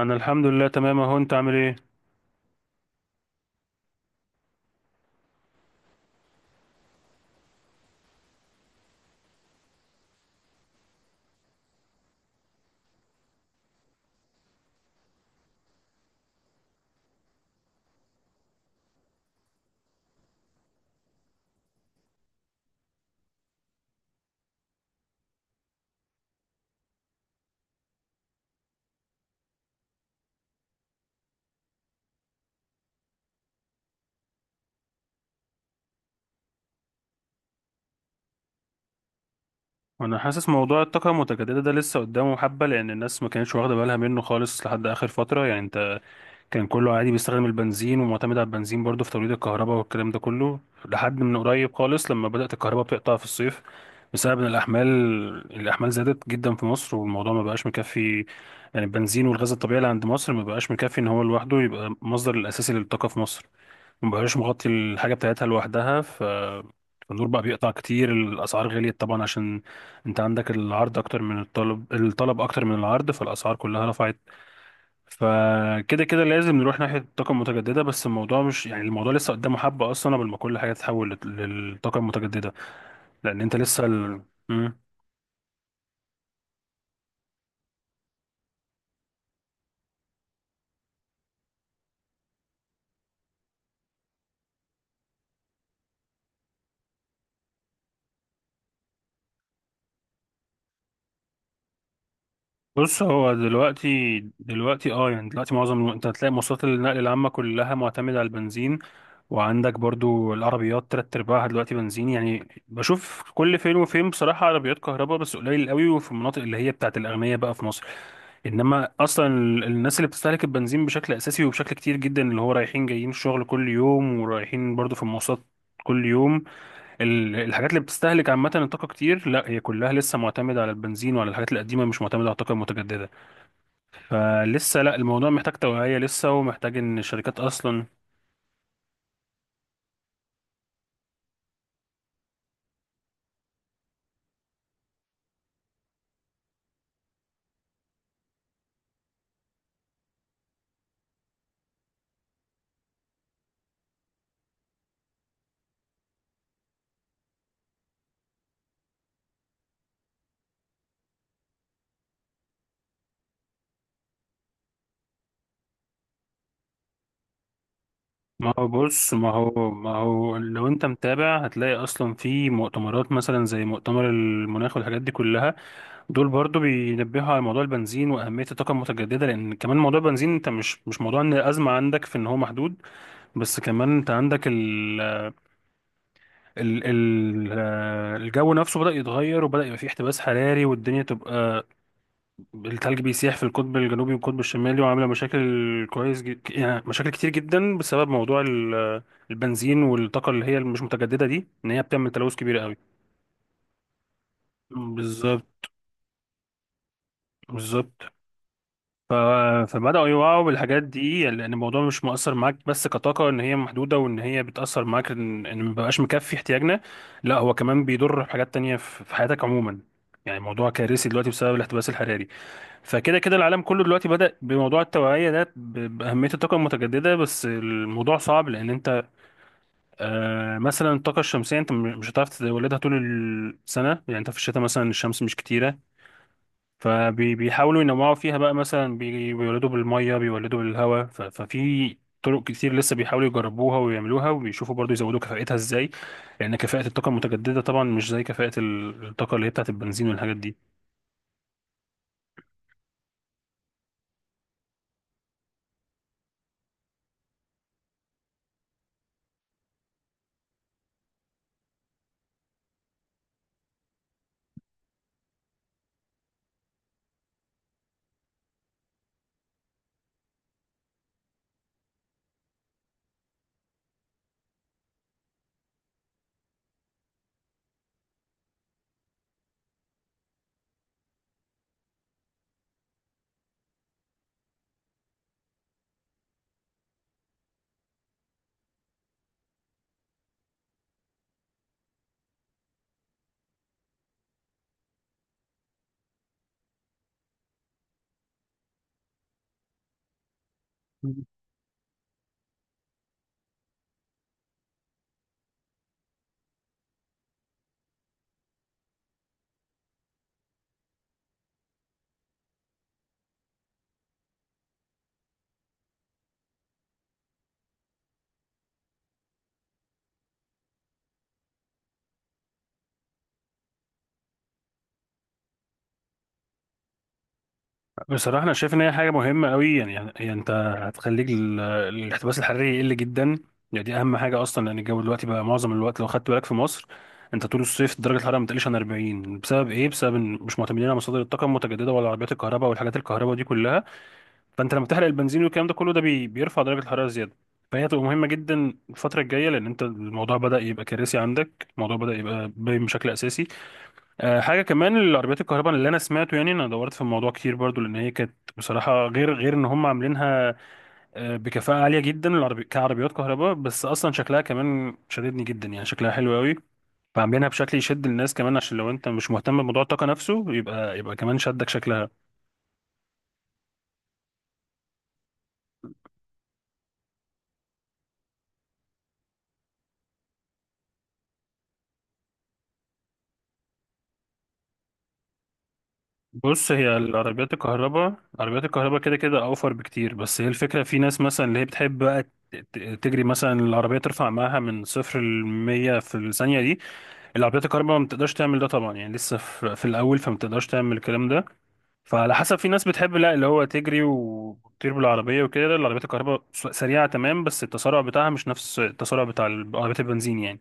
انا الحمد لله تمام اهو، انت عامل ايه؟ وانا حاسس موضوع الطاقه المتجدده ده لسه قدامه حبه، لان الناس ما كانتش واخده بالها منه خالص لحد اخر فتره يعني، انت كان كله عادي بيستخدم البنزين ومعتمد على البنزين برضه في توليد الكهرباء والكلام ده كله. لحد من قريب خالص لما بدات الكهرباء بتقطع في الصيف بسبب ان الاحمال زادت جدا في مصر والموضوع ما بقاش مكفي. يعني البنزين والغاز الطبيعي اللي عند مصر ما بقاش مكفي ان هو لوحده يبقى المصدر الاساسي للطاقه في مصر، ما بقاش مغطي الحاجه بتاعتها لوحدها. فالنور بقى بيقطع كتير، الأسعار غليت طبعا عشان أنت عندك العرض أكتر من الطلب، الطلب أكتر من العرض فالأسعار كلها رفعت. فكده كده لازم نروح ناحية الطاقة المتجددة، بس الموضوع مش يعني الموضوع لسه قدامه حبة أصلا قبل ما كل حاجة تتحول للطاقة المتجددة لأن أنت لسه. مم. بص هو دلوقتي يعني دلوقتي معظم انت هتلاقي مواصلات النقل العامة كلها معتمدة على البنزين. وعندك برضو العربيات تلات ارباعها دلوقتي بنزين، يعني بشوف كل فين وفين بصراحة عربيات كهرباء بس قليل قوي، وفي المناطق اللي هي بتاعت الأغنياء بقى في مصر. انما اصلا الناس اللي بتستهلك البنزين بشكل اساسي وبشكل كتير جدا اللي هو رايحين جايين الشغل كل يوم ورايحين برضو في المواصلات كل يوم، الحاجات اللي بتستهلك عامة الطاقة كتير لا هي كلها لسه معتمدة على البنزين وعلى الحاجات القديمة، مش معتمدة على الطاقة المتجددة. فلسه لا الموضوع محتاج توعية لسه، ومحتاج ان الشركات اصلا ما هو بص ما هو ما هو لو انت متابع هتلاقي اصلا في مؤتمرات مثلا زي مؤتمر المناخ والحاجات دي كلها. دول برضو بينبهوا على موضوع البنزين واهمية الطاقة المتجددة، لان كمان موضوع البنزين انت مش موضوع ان الازمة عندك في ان هو محدود. بس كمان انت عندك ال ال ال آه، الجو نفسه بدأ يتغير وبدأ يبقى فيه احتباس حراري والدنيا تبقى، التلج بيسيح في القطب الجنوبي والقطب الشمالي وعامله مشاكل يعني مشاكل كتير جدا بسبب موضوع البنزين والطاقه اللي هي مش متجدده دي ان هي بتعمل تلوث كبير قوي. بالظبط، بالظبط. ف... فبداوا يوعوا بالحاجات دي، يعني لان الموضوع مش مؤثر معاك بس كطاقه ان هي محدوده وان هي بتاثر معاك إن مبقاش مكفي احتياجنا. لا هو كمان بيضر بحاجات تانية في حياتك عموما، يعني موضوع كارثي دلوقتي بسبب الاحتباس الحراري. فكده كده العالم كله دلوقتي بدأ بموضوع التوعية ده بأهمية الطاقة المتجددة، بس الموضوع صعب لأن أنت مثلا الطاقة الشمسية أنت مش هتعرف تولدها طول السنة، يعني أنت في الشتاء مثلا الشمس مش كتيرة. فبيحاولوا ينوعوا فيها بقى مثلا بيولدوا بالمية، بيولدوا بالهواء، ففي طرق كتير لسه بيحاولوا يجربوها ويعملوها، وبيشوفوا برضو يزودوا كفاءتها ازاي، لأن كفاءة الطاقة المتجددة طبعا مش زي كفاءة الطاقة اللي هي بتاعت البنزين والحاجات دي. بصراحة أنا شايف إن هي حاجة مهمة أوي، يعني أنت هتخليك الاحتباس الحراري يقل جدا، يعني دي أهم حاجة أصلا لأن الجو دلوقتي بقى معظم الوقت لو خدت بالك في مصر أنت طول الصيف درجة الحرارة ما بتقلش عن 40 بسبب إيه؟ بسبب إن مش معتمدين على مصادر الطاقة المتجددة ولا عربيات الكهرباء والحاجات الكهرباء دي كلها، فأنت لما تحرق البنزين والكلام ده كله ده بيرفع درجة الحرارة زيادة. فهي هتبقى مهمة جدا الفترة الجاية لأن أنت الموضوع بدأ يبقى كارثي عندك، الموضوع بدأ يبقى باين بشكل أساسي. حاجه كمان العربيات الكهرباء اللي انا سمعته، يعني انا دورت في الموضوع كتير برضو لان هي كانت بصراحه غير ان هم عاملينها بكفاءه عاليه جدا العربي كعربيات كهرباء، بس اصلا شكلها كمان شددني جدا يعني شكلها حلو قوي. فعاملينها بشكل يشد الناس كمان، عشان لو انت مش مهتم بموضوع الطاقه نفسه يبقى كمان شدك شكلها. بص هي العربيات الكهرباء، عربيات الكهرباء كده كده اوفر بكتير، بس هي الفكره في ناس مثلا اللي هي بتحب بقى تجري مثلا العربيه ترفع معاها من 0 ل 100 في الثانيه دي، العربيات الكهرباء ما بتقدرش تعمل ده طبعا، يعني لسه في الاول فما بتقدرش تعمل الكلام ده. فعلى حسب في ناس بتحب لا اللي هو تجري وتطير بالعربيه وكده، العربيات الكهرباء سريعه تمام، بس التسارع بتاعها مش نفس التسارع بتاع العربيات البنزين يعني.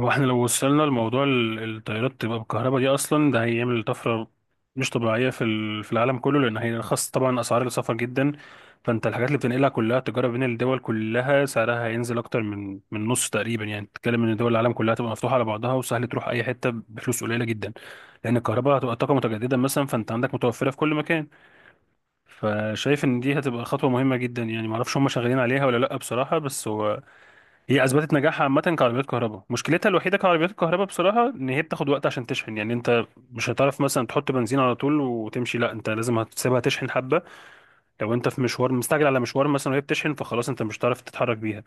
هو احنا لو وصلنا لموضوع الطيارات تبقى بالكهرباء دي اصلا ده هيعمل طفره مش طبيعيه في في العالم كله، لان هيرخص طبعا اسعار السفر جدا. فانت الحاجات اللي بتنقلها كلها تجاره بين الدول كلها سعرها هينزل اكتر من نص تقريبا، يعني تتكلم ان دول العالم كلها تبقى مفتوحه على بعضها وسهل تروح اي حته بفلوس قليله جدا، لان الكهرباء هتبقى طاقه متجدده مثلا فانت عندك متوفره في كل مكان. فشايف ان دي هتبقى خطوه مهمه جدا، يعني معرفش هم شغالين عليها ولا لا بصراحه، بس هو هي اثبتت نجاحها عامه كعربيات كهرباء، مشكلتها الوحيده كعربيات الكهرباء بصراحه ان هي بتاخد وقت عشان تشحن، يعني انت مش هتعرف مثلا تحط بنزين على طول وتمشي، لا انت لازم هتسيبها تشحن حبه. لو انت في مشوار مستعجل على مشوار مثلا وهي بتشحن فخلاص انت مش هتعرف تتحرك بيها.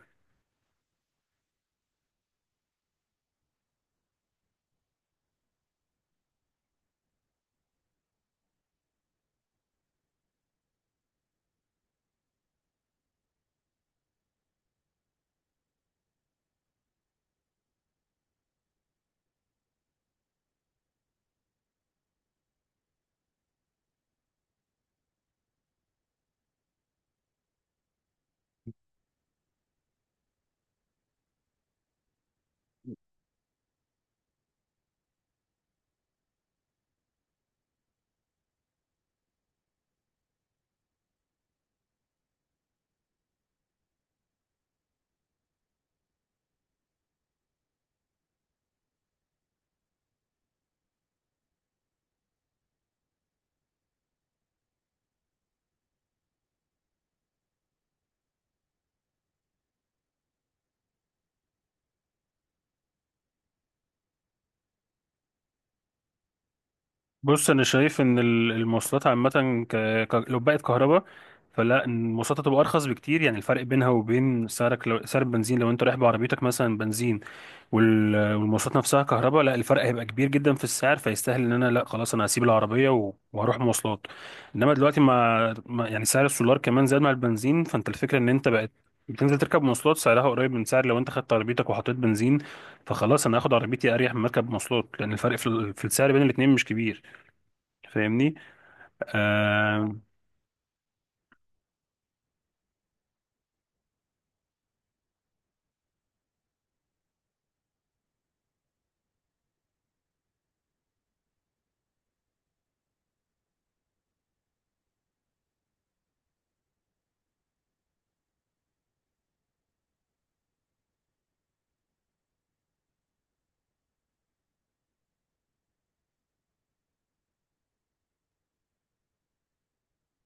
بص انا شايف ان المواصلات عامه ك... لو بقت كهرباء، فلا إن المواصلات هتبقى ارخص بكتير، يعني الفرق بينها وبين سعرك سعر البنزين لو انت رايح بعربيتك مثلا بنزين والمواصلات نفسها كهرباء، لا الفرق هيبقى كبير جدا في السعر، فيستاهل ان انا لا خلاص انا هسيب العربيه وهروح مواصلات. انما دلوقتي يعني سعر السولار كمان زاد مع البنزين، فانت الفكره ان انت بقت بتنزل تركب مواصلات سعرها قريب من سعر لو انت خدت عربيتك وحطيت بنزين، فخلاص انا هاخد عربيتي اريح من مركب مواصلات لان الفرق في في السعر بين الاتنين مش كبير، فاهمني؟ آه،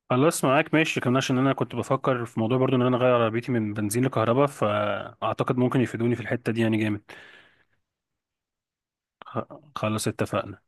خلاص معاك ماشي كمان عشان انا كنت بفكر في موضوع برضو ان انا اغير عربيتي من بنزين لكهرباء، فاعتقد ممكن يفيدوني في الحته دي يعني جامد. خ- خلاص اتفقنا.